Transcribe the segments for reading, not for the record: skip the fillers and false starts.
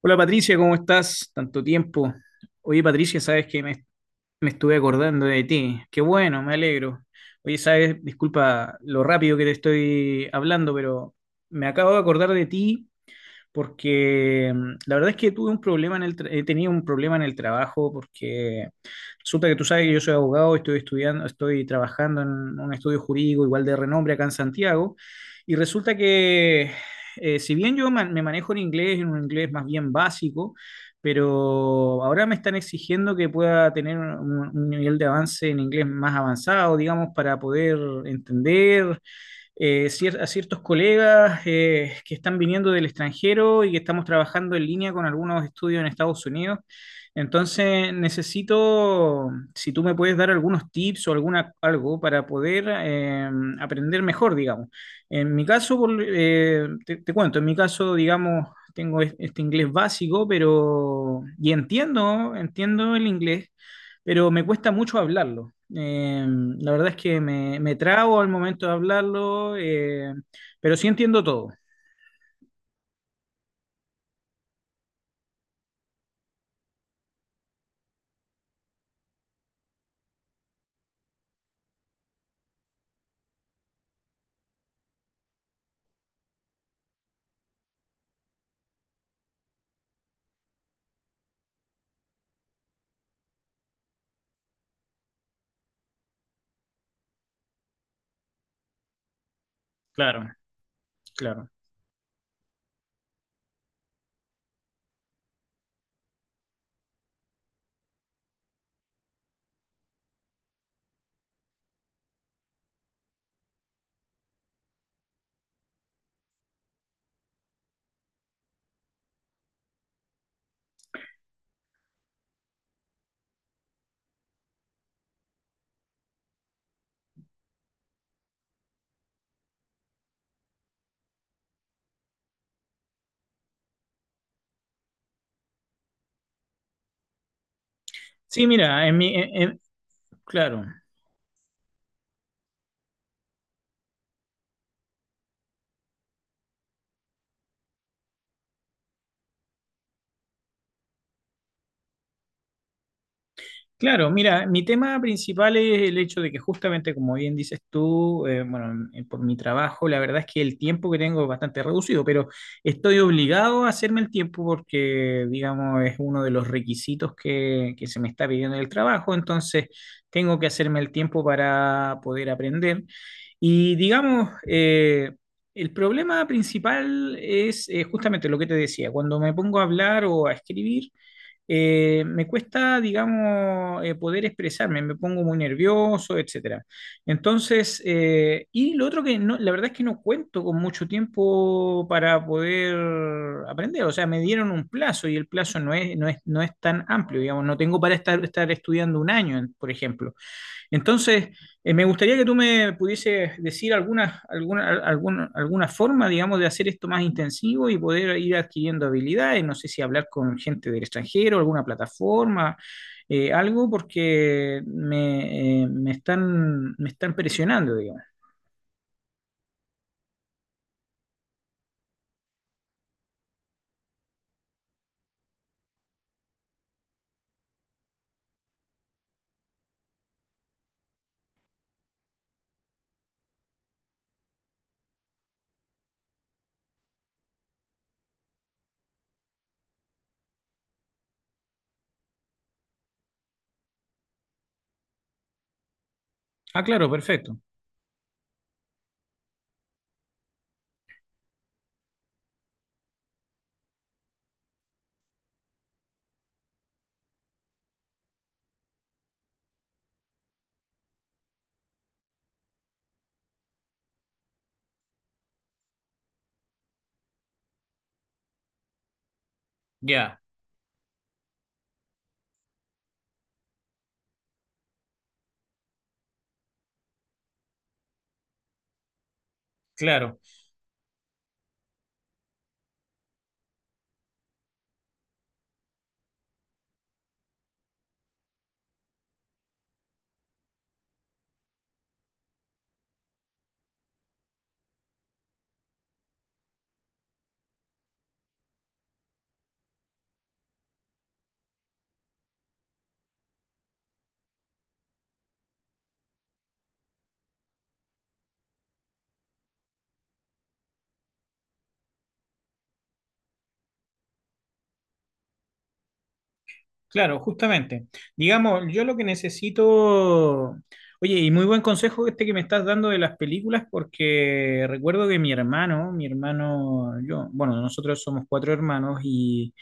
Hola Patricia, ¿cómo estás? Tanto tiempo. Oye Patricia, sabes que me estuve acordando de ti. Qué bueno, me alegro. Oye, sabes, disculpa lo rápido que te estoy hablando, pero me acabo de acordar de ti porque la verdad es que tuve un problema en he tenido un problema en el trabajo porque resulta que tú sabes que yo soy abogado, estoy estudiando, estoy trabajando en un estudio jurídico igual de renombre acá en Santiago y resulta que si bien me manejo en inglés, en un inglés más bien básico, pero ahora me están exigiendo que pueda tener un nivel de avance en inglés más avanzado, digamos, para poder entender a ciertos colegas que están viniendo del extranjero y que estamos trabajando en línea con algunos estudios en Estados Unidos. Entonces, necesito, si tú me puedes dar algunos tips o algo para poder aprender mejor, digamos. En mi caso, te cuento, en mi caso, digamos, este inglés básico, pero, y entiendo el inglés pero me cuesta mucho hablarlo. La verdad es que me trabo al momento de hablarlo, pero sí entiendo todo. Claro, claro. Sí, mira, en mi, en- claro. Claro, mira, mi tema principal es el hecho de que justamente, como bien dices tú, por mi trabajo, la verdad es que el tiempo que tengo es bastante reducido, pero estoy obligado a hacerme el tiempo porque, digamos, es uno de los requisitos que se me está pidiendo en el trabajo, entonces tengo que hacerme el tiempo para poder aprender. Y, digamos, el problema principal es justamente lo que te decía, cuando me pongo a hablar o a escribir me cuesta, digamos, poder expresarme, me pongo muy nervioso, etcétera. Entonces, y lo otro que no, la verdad es que no cuento con mucho tiempo para poder aprender, o sea, me dieron un plazo y el plazo no es tan amplio, digamos, no tengo para estar estudiando un año, por ejemplo. Entonces, me gustaría que tú me pudieses decir alguna forma, digamos, de hacer esto más intensivo y poder ir adquiriendo habilidades. No sé si hablar con gente del extranjero, alguna plataforma, algo, porque me están presionando, digamos. Ah, claro, perfecto. Ya, claro. Claro, justamente. Digamos, yo lo que necesito, oye, y muy buen consejo este que me estás dando de las películas, porque recuerdo que mi hermano, yo, bueno, nosotros somos cuatro hermanos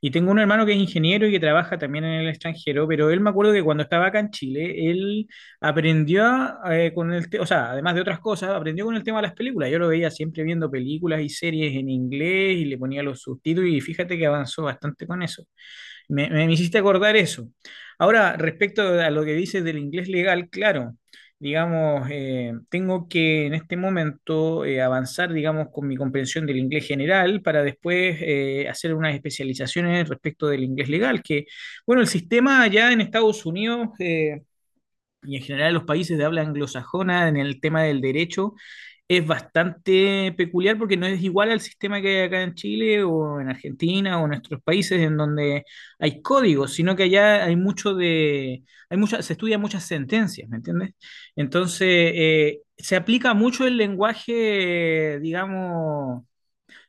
y tengo un hermano que es ingeniero y que trabaja también en el extranjero, pero él me acuerdo que cuando estaba acá en Chile, él aprendió a, con el, te- o sea, además de otras cosas, aprendió con el tema de las películas. Yo lo veía siempre viendo películas y series en inglés y le ponía los subtítulos y fíjate que avanzó bastante con eso. Me hiciste acordar eso. Ahora, respecto a lo que dices del inglés legal, claro, digamos, tengo que en este momento avanzar, digamos, con mi comprensión del inglés general para después hacer unas especializaciones respecto del inglés legal, que, bueno, el sistema allá en Estados Unidos y en general los países de habla anglosajona en el tema del derecho es bastante peculiar porque no es igual al sistema que hay acá en Chile o en Argentina o en nuestros países en donde hay códigos, sino que allá hay mucha, se estudian muchas sentencias, ¿me entiendes? Entonces, se aplica mucho el lenguaje, digamos,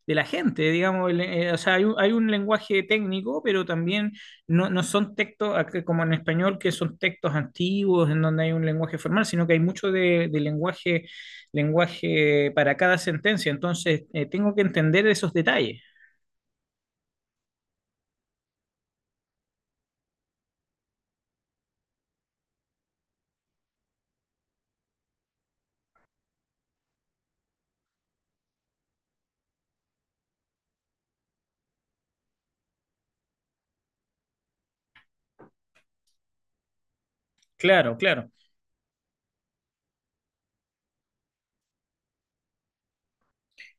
de la gente, digamos, o sea, hay un lenguaje técnico, pero también no, no son textos como en español, que son textos antiguos en donde hay un lenguaje formal, sino que hay mucho de lenguaje, lenguaje para cada sentencia, entonces tengo que entender esos detalles. Claro, claro.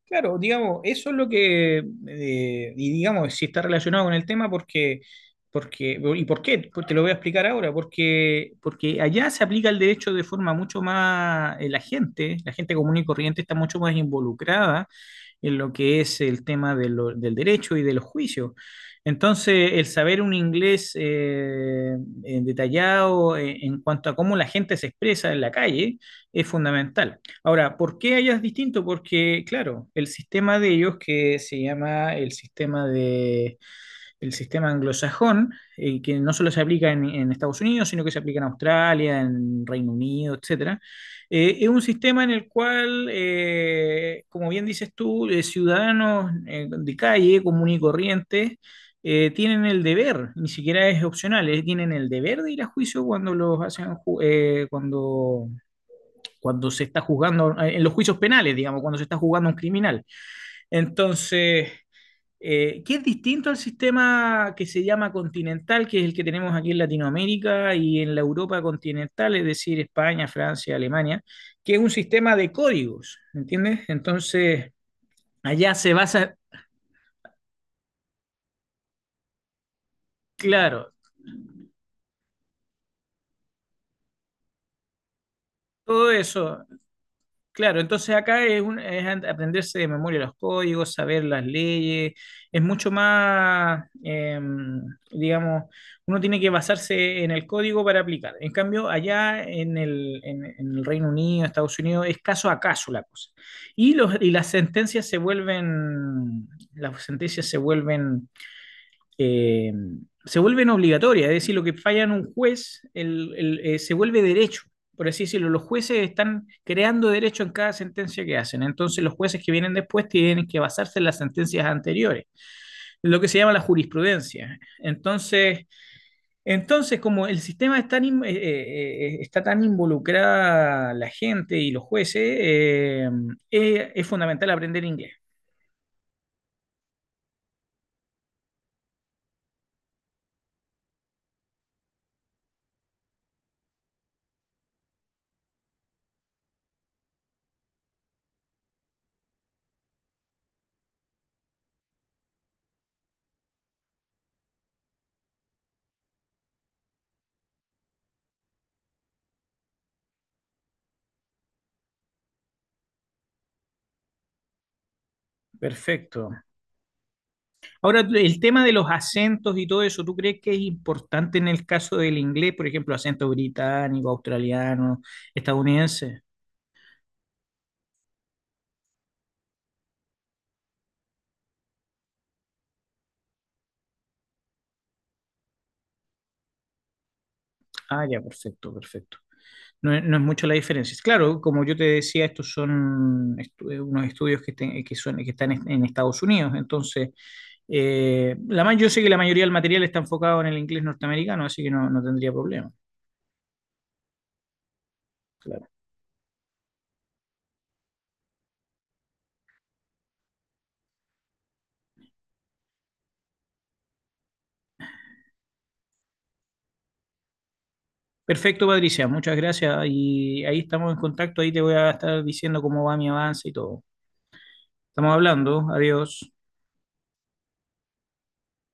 Claro, digamos, eso es lo que, y digamos, si está relacionado con el tema, porque, porque, ¿y por qué? Pues te lo voy a explicar ahora, porque, porque allá se aplica el derecho de forma mucho más, la gente común y corriente está mucho más involucrada en lo que es el tema de del derecho y de los juicios. Entonces, el saber un inglés detallado en cuanto a cómo la gente se expresa en la calle es fundamental. Ahora, ¿por qué allá es distinto? Porque, claro, el sistema de ellos que se llama el sistema de el sistema anglosajón, que no solo se aplica en Estados Unidos, sino que se aplica en Australia, en Reino Unido, etcétera. Es un sistema en el cual, como bien dices tú, ciudadanos de calle, común y corriente, tienen el deber, ni siquiera es opcional, tienen el deber de ir a juicio cuando los hacen ju- cuando, cuando se está juzgando, en los juicios penales, digamos, cuando se está juzgando a un criminal. Entonces, que es distinto al sistema que se llama continental, que es el que tenemos aquí en Latinoamérica y en la Europa continental, es decir, España, Francia, Alemania, que es un sistema de códigos, ¿entiendes? Entonces, allá se basa, claro, todo eso. Claro, entonces acá es aprenderse de memoria los códigos, saber las leyes, es mucho más, digamos, uno tiene que basarse en el código para aplicar. En cambio, allá en el Reino Unido, Estados Unidos, es caso a caso la cosa. Y las sentencias se vuelven eh, se vuelven obligatorias, es decir, lo que falla en un juez se vuelve derecho, por así decirlo. Los jueces están creando derecho en cada sentencia que hacen, entonces los jueces que vienen después tienen que basarse en las sentencias anteriores, lo que se llama la jurisprudencia. Entonces, entonces como el sistema está tan involucrada la gente y los jueces, es fundamental aprender inglés. Perfecto. Ahora, el tema de los acentos y todo eso, ¿tú crees que es importante en el caso del inglés, por ejemplo, acento británico, australiano, estadounidense? Ah, ya, perfecto, perfecto. No, es no es mucho la diferencia. Claro, como yo te decía, estos son unos estudios que, te- que, son, que están en Estados Unidos, entonces... Yo sé que la mayoría del material está enfocado en el inglés norteamericano, así que no, no tendría problema. Claro. Perfecto, Patricia, muchas gracias. Y ahí estamos en contacto, ahí te voy a estar diciendo cómo va mi avance y todo. Estamos hablando, adiós.